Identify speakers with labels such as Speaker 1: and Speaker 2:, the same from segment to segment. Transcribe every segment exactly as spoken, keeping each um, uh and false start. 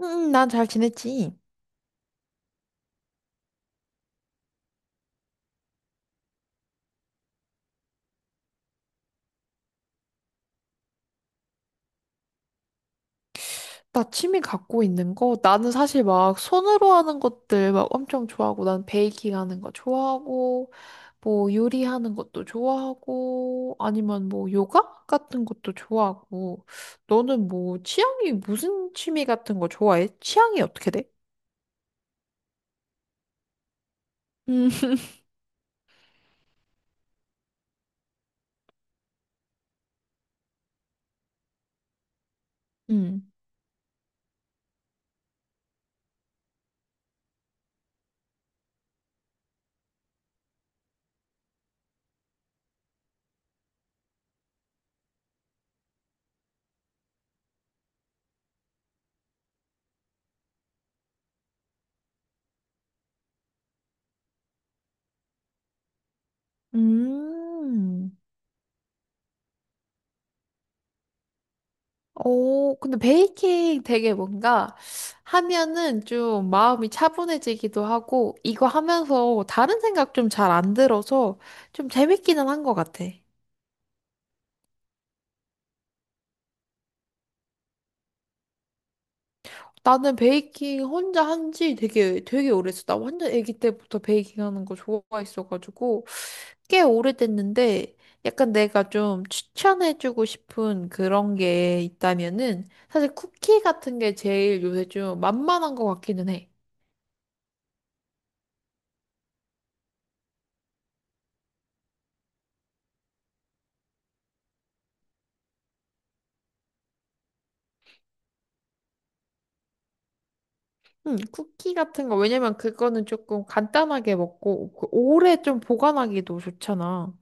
Speaker 1: 음, 난 잘 지냈지. 나 취미 갖고 있는 거, 나는 사실 막 손으로 하는 것들 막 엄청 좋아하고, 난 베이킹 하는 거 좋아하고, 뭐 요리하는 것도 좋아하고, 아니면 뭐 요가 같은 것도 좋아하고, 너는 뭐 취향이 무슨 취미 같은 거 좋아해? 취향이 어떻게 돼? 음, 음. 음. 오, 근데 베이킹 되게 뭔가 하면은 좀 마음이 차분해지기도 하고, 이거 하면서 다른 생각 좀 잘 안 들어서 좀 재밌기는 한 것 같아. 나는 베이킹 혼자 한 지 되게, 되게 오래됐어. 나 완전 아기 때부터 베이킹 하는 거 좋아했어가지고, 꽤 오래됐는데, 약간 내가 좀 추천해주고 싶은 그런 게 있다면은, 사실 쿠키 같은 게 제일 요새 좀 만만한 것 같기는 해. 음, 쿠키 같은 거, 왜냐면 그거는 조금 간단하게 먹고, 그 오래 좀 보관하기도 좋잖아.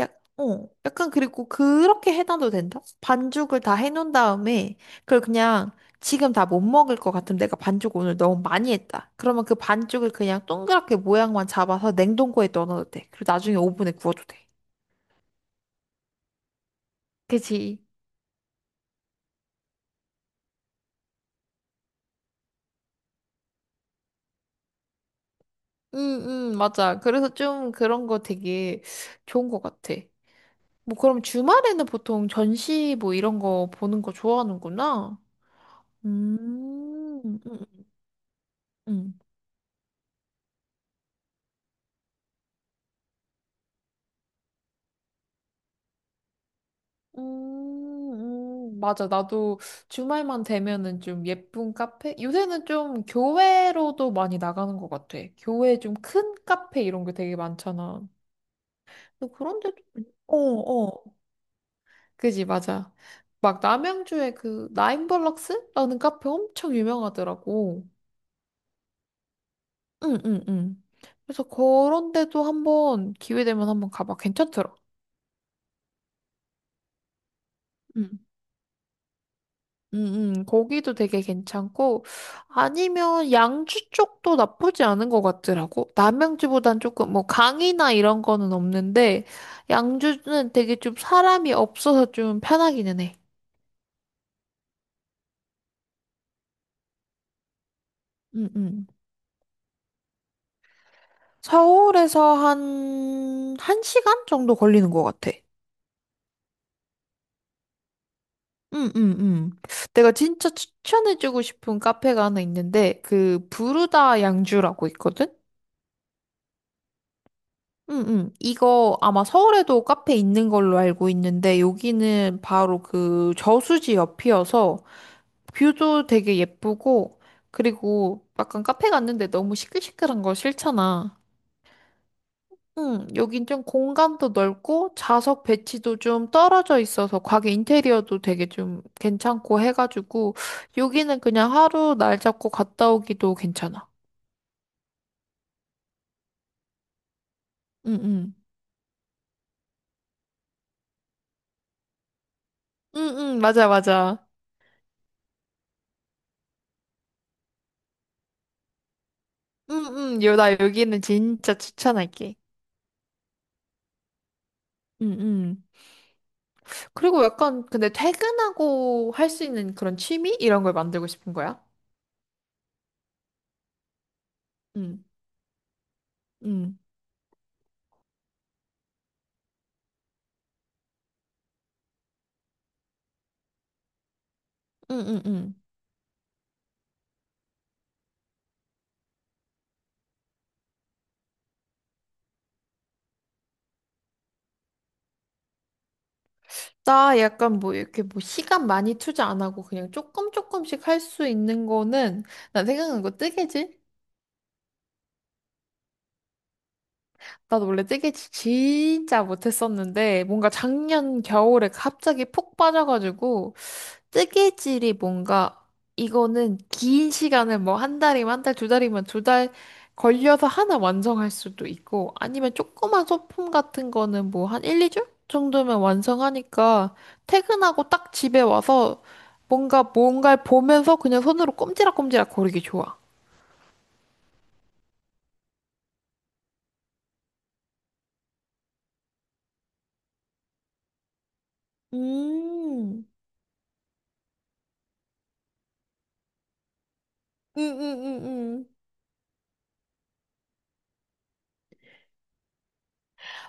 Speaker 1: 약, 어, 약간 그리고 그렇게 해놔도 된다? 반죽을 다 해놓은 다음에, 그걸 그냥 지금 다 못 먹을 것 같으면 내가 반죽 오늘 너무 많이 했다. 그러면 그 반죽을 그냥 동그랗게 모양만 잡아서 냉동고에 넣어놔도 돼. 그리고 나중에 오븐에 구워도 돼. 그치? 응, 응, 맞아. 그래서 좀 그런 거 되게 좋은 것 같아. 뭐 그럼 주말에는 보통 전시 뭐 이런 거 보는 거 좋아하는구나. 음, 음, 음, 음, 음, 음. 맞아. 나도 주말만 되면은 좀 예쁜 카페? 요새는 좀 교회로도 많이 나가는 것 같아. 교회 좀 큰 카페 이런 게 되게 많잖아. 근데 그런데, 좀- 어, 어. 그지, 맞아. 막 남양주에 그 나인블럭스라는 카페 엄청 유명하더라고. 응응응. 그래서 그런 데도 한번 기회 되면 한번 가봐. 괜찮더라. 음. 응응. 거기도 되게 괜찮고 아니면 양주 쪽도 나쁘지 않은 것 같더라고. 남양주보단 조금 뭐 강이나 이런 거는 없는데 양주는 되게 좀 사람이 없어서 좀 편하기는 해. 응응. 서울에서 한 1시간 정도 걸리는 것 같아. 응, 응, 응. 내가 진짜 추천해주고 싶은 카페가 하나 있는데, 그, 부르다 양주라고 있거든? 응, 응. 이거 아마 서울에도 카페 있는 걸로 알고 있는데, 여기는 바로 그 저수지 옆이어서, 뷰도 되게 예쁘고, 그리고 약간 카페 갔는데 너무 시끌시끌한 거 싫잖아. 응, 여긴 좀 공간도 넓고 좌석 배치도 좀 떨어져 있어서 가게 인테리어도 되게 좀 괜찮고 해가지고 여기는 그냥 하루 날 잡고 갔다 오기도 괜찮아. 응, 응. 응, 응, 맞아, 맞아. 응, 응, 요, 나 여기는 진짜 추천할게. 응, 응. 그리고 약간 근데 퇴근하고 할 수 있는 그런 취미? 이런 걸 만들고 싶은 거야? 응, 응. 응, 응, 응. 나 약간 뭐 이렇게 뭐 시간 많이 투자 안 하고 그냥 조금 조금씩 할 수 있는 거는 난 생각난 거 뜨개질? 나도 원래 뜨개질 진짜 못했었는데 뭔가 작년 겨울에 갑자기 푹 빠져가지고 뜨개질이 뭔가 이거는 긴 시간을 뭐 한 달이면 한 달, 두 달이면 두 달 걸려서 하나 완성할 수도 있고 아니면 조그만 소품 같은 거는 뭐 한 한, 이 주 정도면 완성하니까 퇴근하고 딱 집에 와서 뭔가 뭔가를 보면서 그냥 손으로 꼼지락꼼지락 거리기 좋아. 음, 음, 음, 음, 음.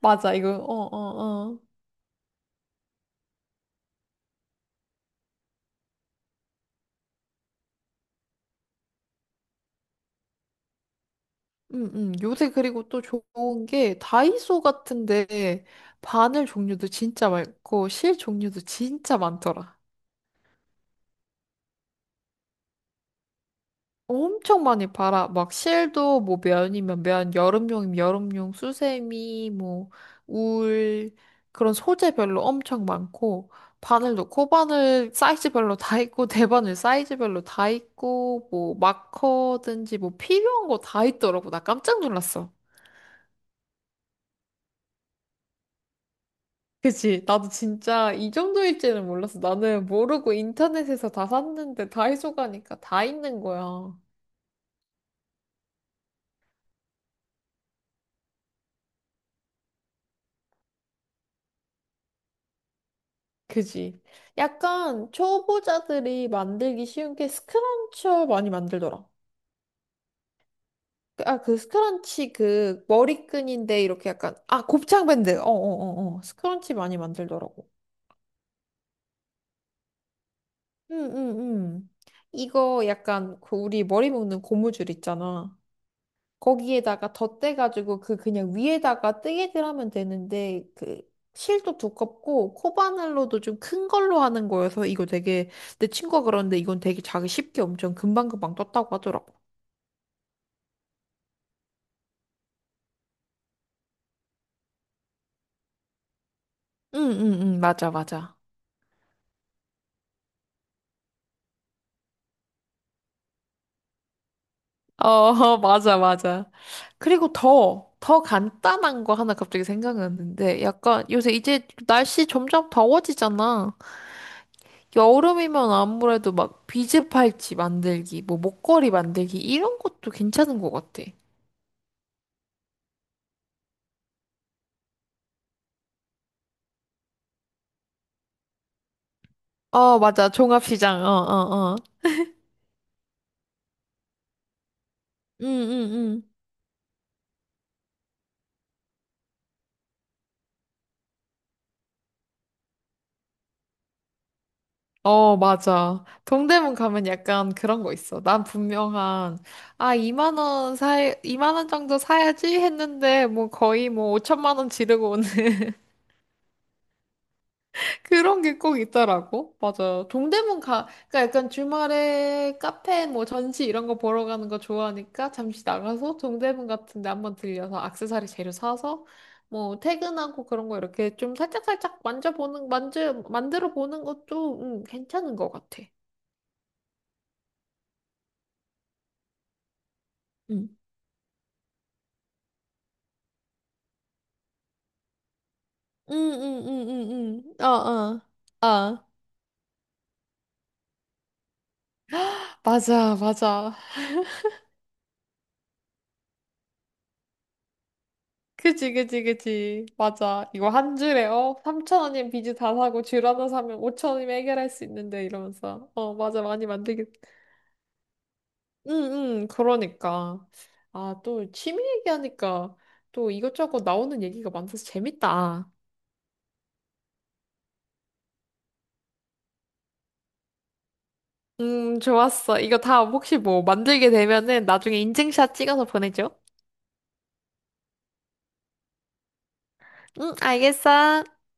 Speaker 1: 맞아, 이거, 어, 어, 어. 음, 음. 요새 그리고 또 좋은 게 다이소 같은데 바늘 종류도 진짜 많고 실 종류도 진짜 많더라. 엄청 많이 팔아. 막 실도 뭐 면이면 면, 여름용이면 여름용, 수세미, 뭐 울, 그런 소재별로 엄청 많고 바늘도 코바늘 사이즈별로 다 있고 대바늘 사이즈별로 다 있고 뭐 마커든지 뭐 필요한 거 다 있더라고. 나 깜짝 놀랐어. 그치. 나도 진짜 이 정도일지는 몰랐어. 나는 모르고 인터넷에서 다 샀는데 다이소 가니까 다 있는 거야. 그지. 약간 초보자들이 만들기 쉬운 게 스크런쳐 많이 만들더라. 그, 아, 그 스크런치 그 머리끈인데 이렇게 약간, 아, 곱창밴드. 어, 어, 어, 어. 스크런치 많이 만들더라고. 응, 응, 응. 이거 약간 그 우리 머리 묶는 고무줄 있잖아. 거기에다가 덧대가지고 그 그냥 위에다가 뜨개질 하면 되는데 그 실도 두껍고 코바늘로도 좀 큰 걸로 하는 거여서 이거 되게 내 친구가 그러는데 이건 되게 자기 쉽게 엄청 금방금방 떴다고 하더라고. 응, 응, 응, 맞아, 맞아. 어, 맞아, 맞아. 그리고 더, 더 간단한 거 하나 갑자기 생각났는데, 약간 요새 이제 날씨 점점 더워지잖아. 여름이면 아무래도 막 비즈 팔찌 만들기, 뭐 목걸이 만들기 이런 것도 괜찮은 것 같아. 어, 맞아. 종합시장. 어, 어, 어. 응, 응, 응. 어, 맞아. 동대문 가면 약간 그런 거 있어. 난 분명한, 아, 이만 원 사, 이만 원 정도 사야지 했는데, 뭐 거의 뭐 오천만 원 지르고 오는 그런 게 꼭 있더라고. 맞아. 동대문 가, 그러니까 약간 주말에 카페 뭐 전시 이런 거 보러 가는 거 좋아하니까 잠시 나가서 동대문 같은 데 한번 들려서 액세서리 재료 사서 뭐 퇴근하고 그런 거 이렇게 좀 살짝살짝 만져보는, 만져, 만들어 보는 것도 음, 괜찮은 것 같아. 응. 응, 응, 응, 응, 응. 어, 어. 아, 맞아, 맞아. 그지, 그지, 그지. 맞아. 이거 한 줄에, 어? 삼천 원이면 비즈 다 사고, 줄 하나 사면 오천 원이면 해결할 수 있는데, 이러면서. 어, 맞아. 많이 만들겠, 응, 응, 그러니까. 아, 또 취미 얘기하니까 또 이것저것 나오는 얘기가 많아서 재밌다. 음, 좋았어. 이거 다 혹시 뭐 만들게 되면은 나중에 인증샷 찍어서 보내줘. 응, 알겠어.